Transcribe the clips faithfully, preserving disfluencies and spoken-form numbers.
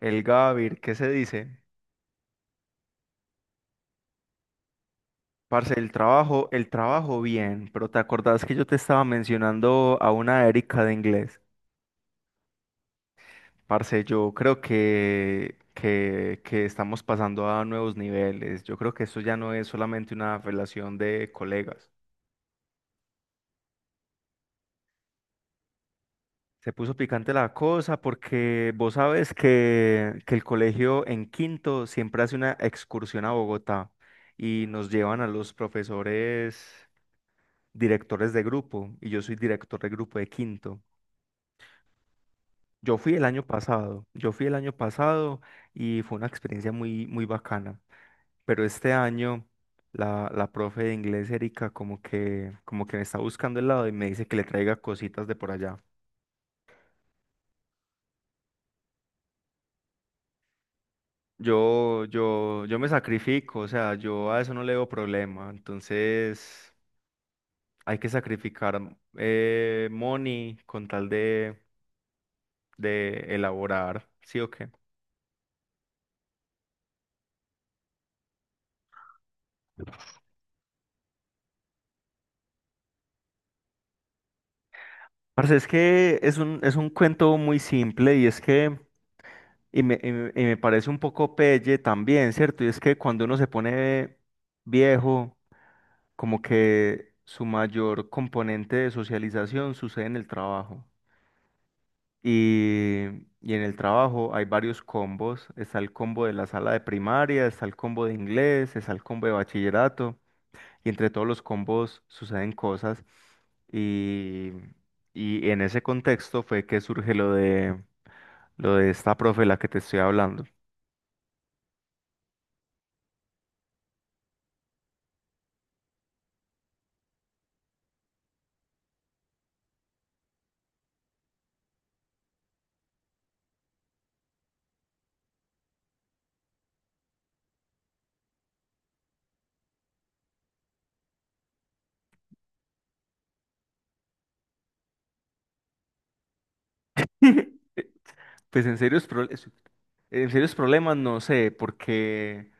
El Gavir, ¿qué se dice? Parce, el trabajo, el trabajo bien, pero ¿te acordás que yo te estaba mencionando a una Erika de inglés? Parce, yo creo que, que, que estamos pasando a nuevos niveles. Yo creo que esto ya no es solamente una relación de colegas. Se puso picante la cosa porque vos sabes que, que el colegio en quinto siempre hace una excursión a Bogotá y nos llevan a los profesores directores de grupo y yo soy director de grupo de quinto. Yo fui el año pasado, yo fui el año pasado y fue una experiencia muy, muy bacana, pero este año la, la profe de inglés, Erika, como que, como que me está buscando el lado y me dice que le traiga cositas de por allá. Yo, yo, yo me sacrifico, o sea, yo a eso no le veo problema, entonces hay que sacrificar mm, eh, money con tal de, de elaborar, ¿sí o qué? Parce, es que es un, es un cuento muy simple y es que, y me, y me- y me parece un poco pelle también, ¿cierto? Y es que cuando uno se pone viejo, como que su mayor componente de socialización sucede en el trabajo. Y, y en el trabajo hay varios combos. Está el combo de la sala de primaria, está el combo de inglés, está el combo de bachillerato y entre todos los combos suceden cosas. Y, y en ese contexto fue que surge lo de, lo de esta profe la que te estoy hablando. Pues en serios, prole- es- en serios problemas no sé, porque,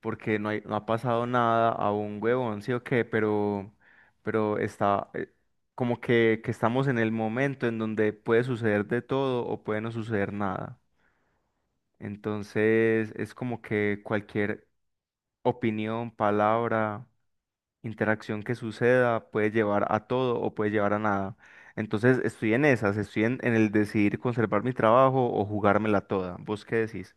porque no hay, no ha pasado nada a un huevón, sí o qué, pero, pero está eh, como que, que estamos en el momento en donde puede suceder de todo o puede no suceder nada. Entonces es como que cualquier opinión, palabra, interacción que suceda puede llevar a todo o puede llevar a nada. Entonces estoy en esas, estoy en, en el decidir conservar mi trabajo o jugármela toda. ¿Vos qué decís?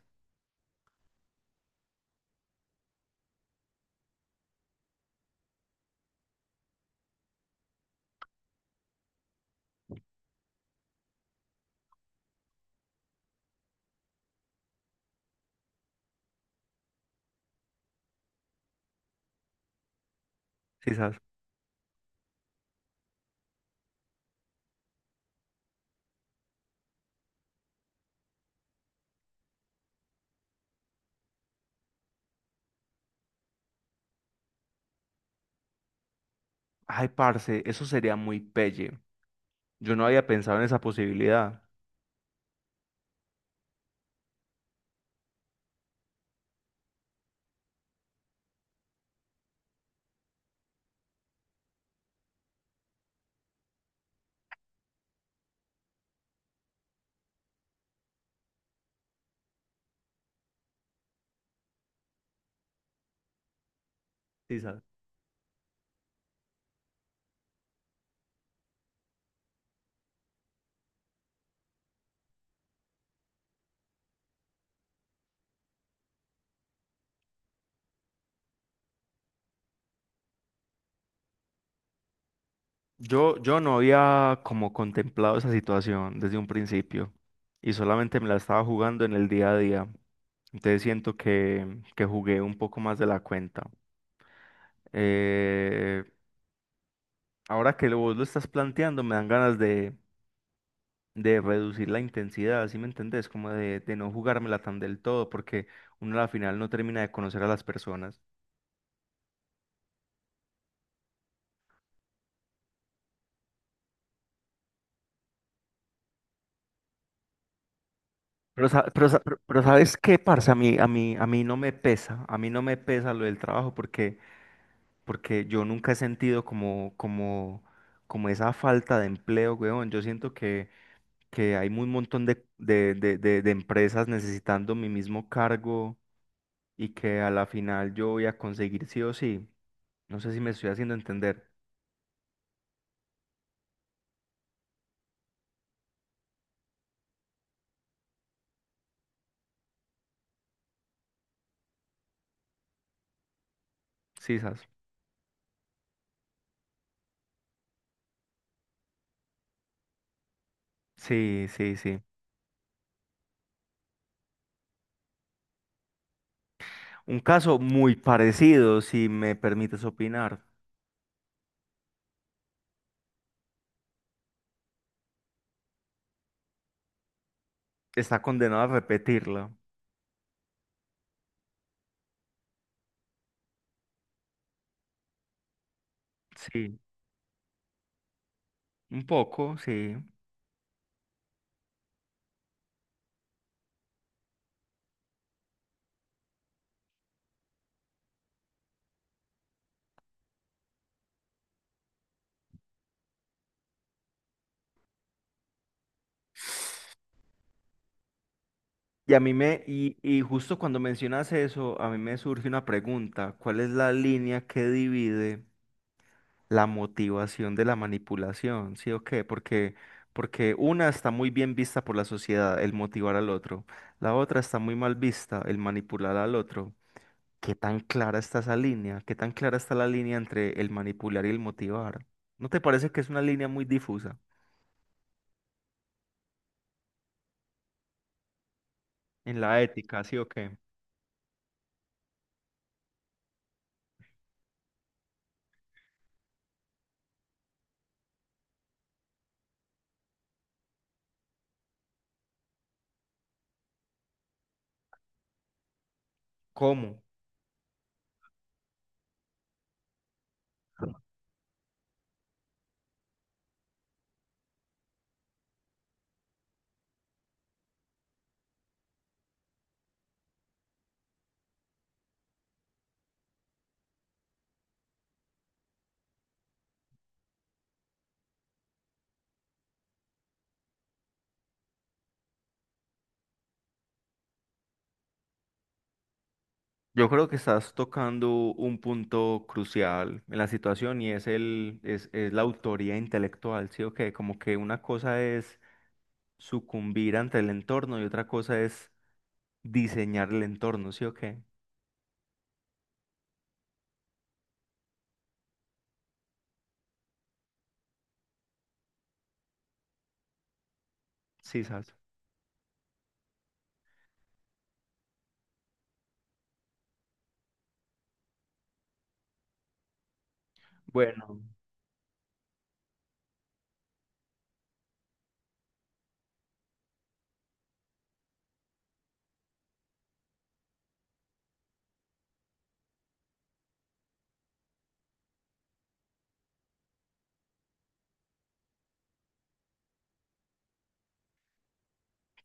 Quizás. Ay, parce, eso sería muy pelle. Yo no había pensado en esa posibilidad. Sisas. Yo, yo no había como contemplado esa situación desde un principio y solamente me la estaba jugando en el día a día. Entonces siento que, que jugué un poco más de la cuenta. Eh, Ahora que lo- vos lo estás planteando, me dan ganas de, de reducir la intensidad, ¿sí me entendés? Como de, de no jugármela tan del todo, porque uno a la final no termina de conocer a las personas. Pero, sa- pero, sa- pero- pero ¿sabes qué, parce? A mí, a mí, a mí no me pesa, a mí no me pesa lo del trabajo porque, porque yo nunca he sentido como, como, como esa falta de empleo, weón. Yo siento que, que hay un montón de, de, de, de de empresas necesitando mi mismo cargo y que a la final yo voy a conseguir sí o sí. No sé si me estoy haciendo entender. Sisas. Sí, sí, sí. Un caso muy parecido, si me permites opinar. Está condenado a repetirla. Sí, un poco, sí. Y a mí me, y, y justo cuando mencionas eso, a mí me surge una pregunta. ¿Cuál es la línea que divide la motivación de la manipulación, sí o qué? Porque, porque una está muy bien vista por la sociedad, el motivar al otro, la otra está muy mal vista, el manipular al otro. ¿Qué tan clara está esa línea? ¿Qué tan clara está la línea entre el manipular y el motivar? ¿No te parece que es una línea muy difusa en la ética, sí o qué? ¿Cómo? Yo creo que estás tocando un punto crucial en la situación y es el es, es la autoría intelectual, ¿sí o qué? Como que una cosa es sucumbir ante el entorno y otra cosa es diseñar el entorno, ¿sí o qué? Sí, sabes. Bueno,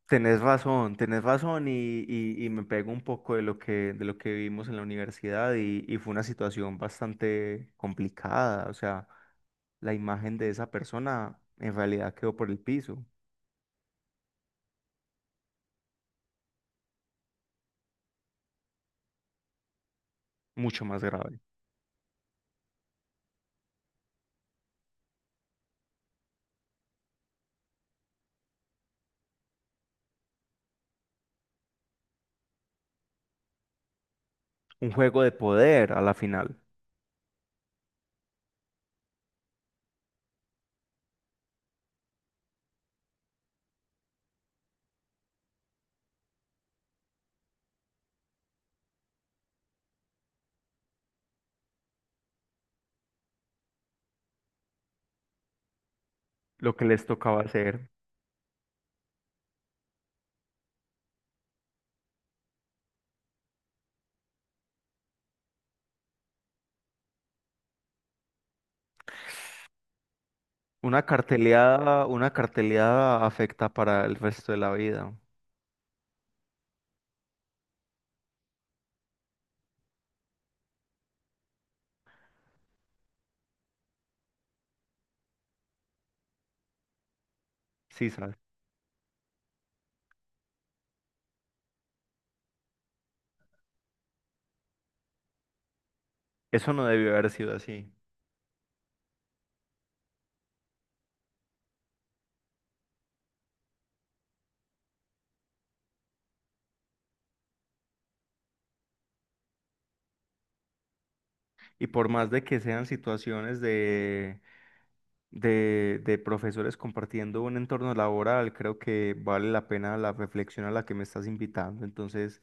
tenés razón, tenés razón y, y- y me pego un poco de lo que, de lo que vivimos en la universidad y, y fue una situación bastante complicada, o sea, la imagen de esa persona en realidad quedó por el piso, mucho más grave. Un juego de poder a la final, lo que les tocaba hacer. Una carteleada, una carteleada afecta para el resto de la vida, sí. Eso no debió haber sido así. Y por más de que sean situaciones de, de, de profesores compartiendo un entorno laboral, creo que vale la pena la reflexión a la que me estás invitando. Entonces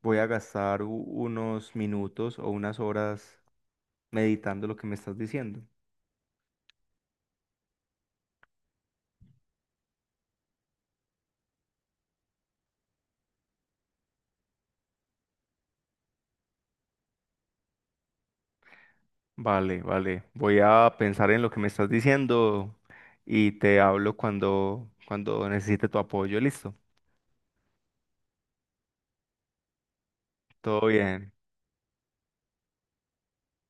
voy a gastar u- unos minutos o unas horas meditando lo que me estás diciendo. Vale, vale. Voy a pensar en lo que me estás diciendo y te hablo cuando, cuando necesite tu apoyo. Listo. Todo bien.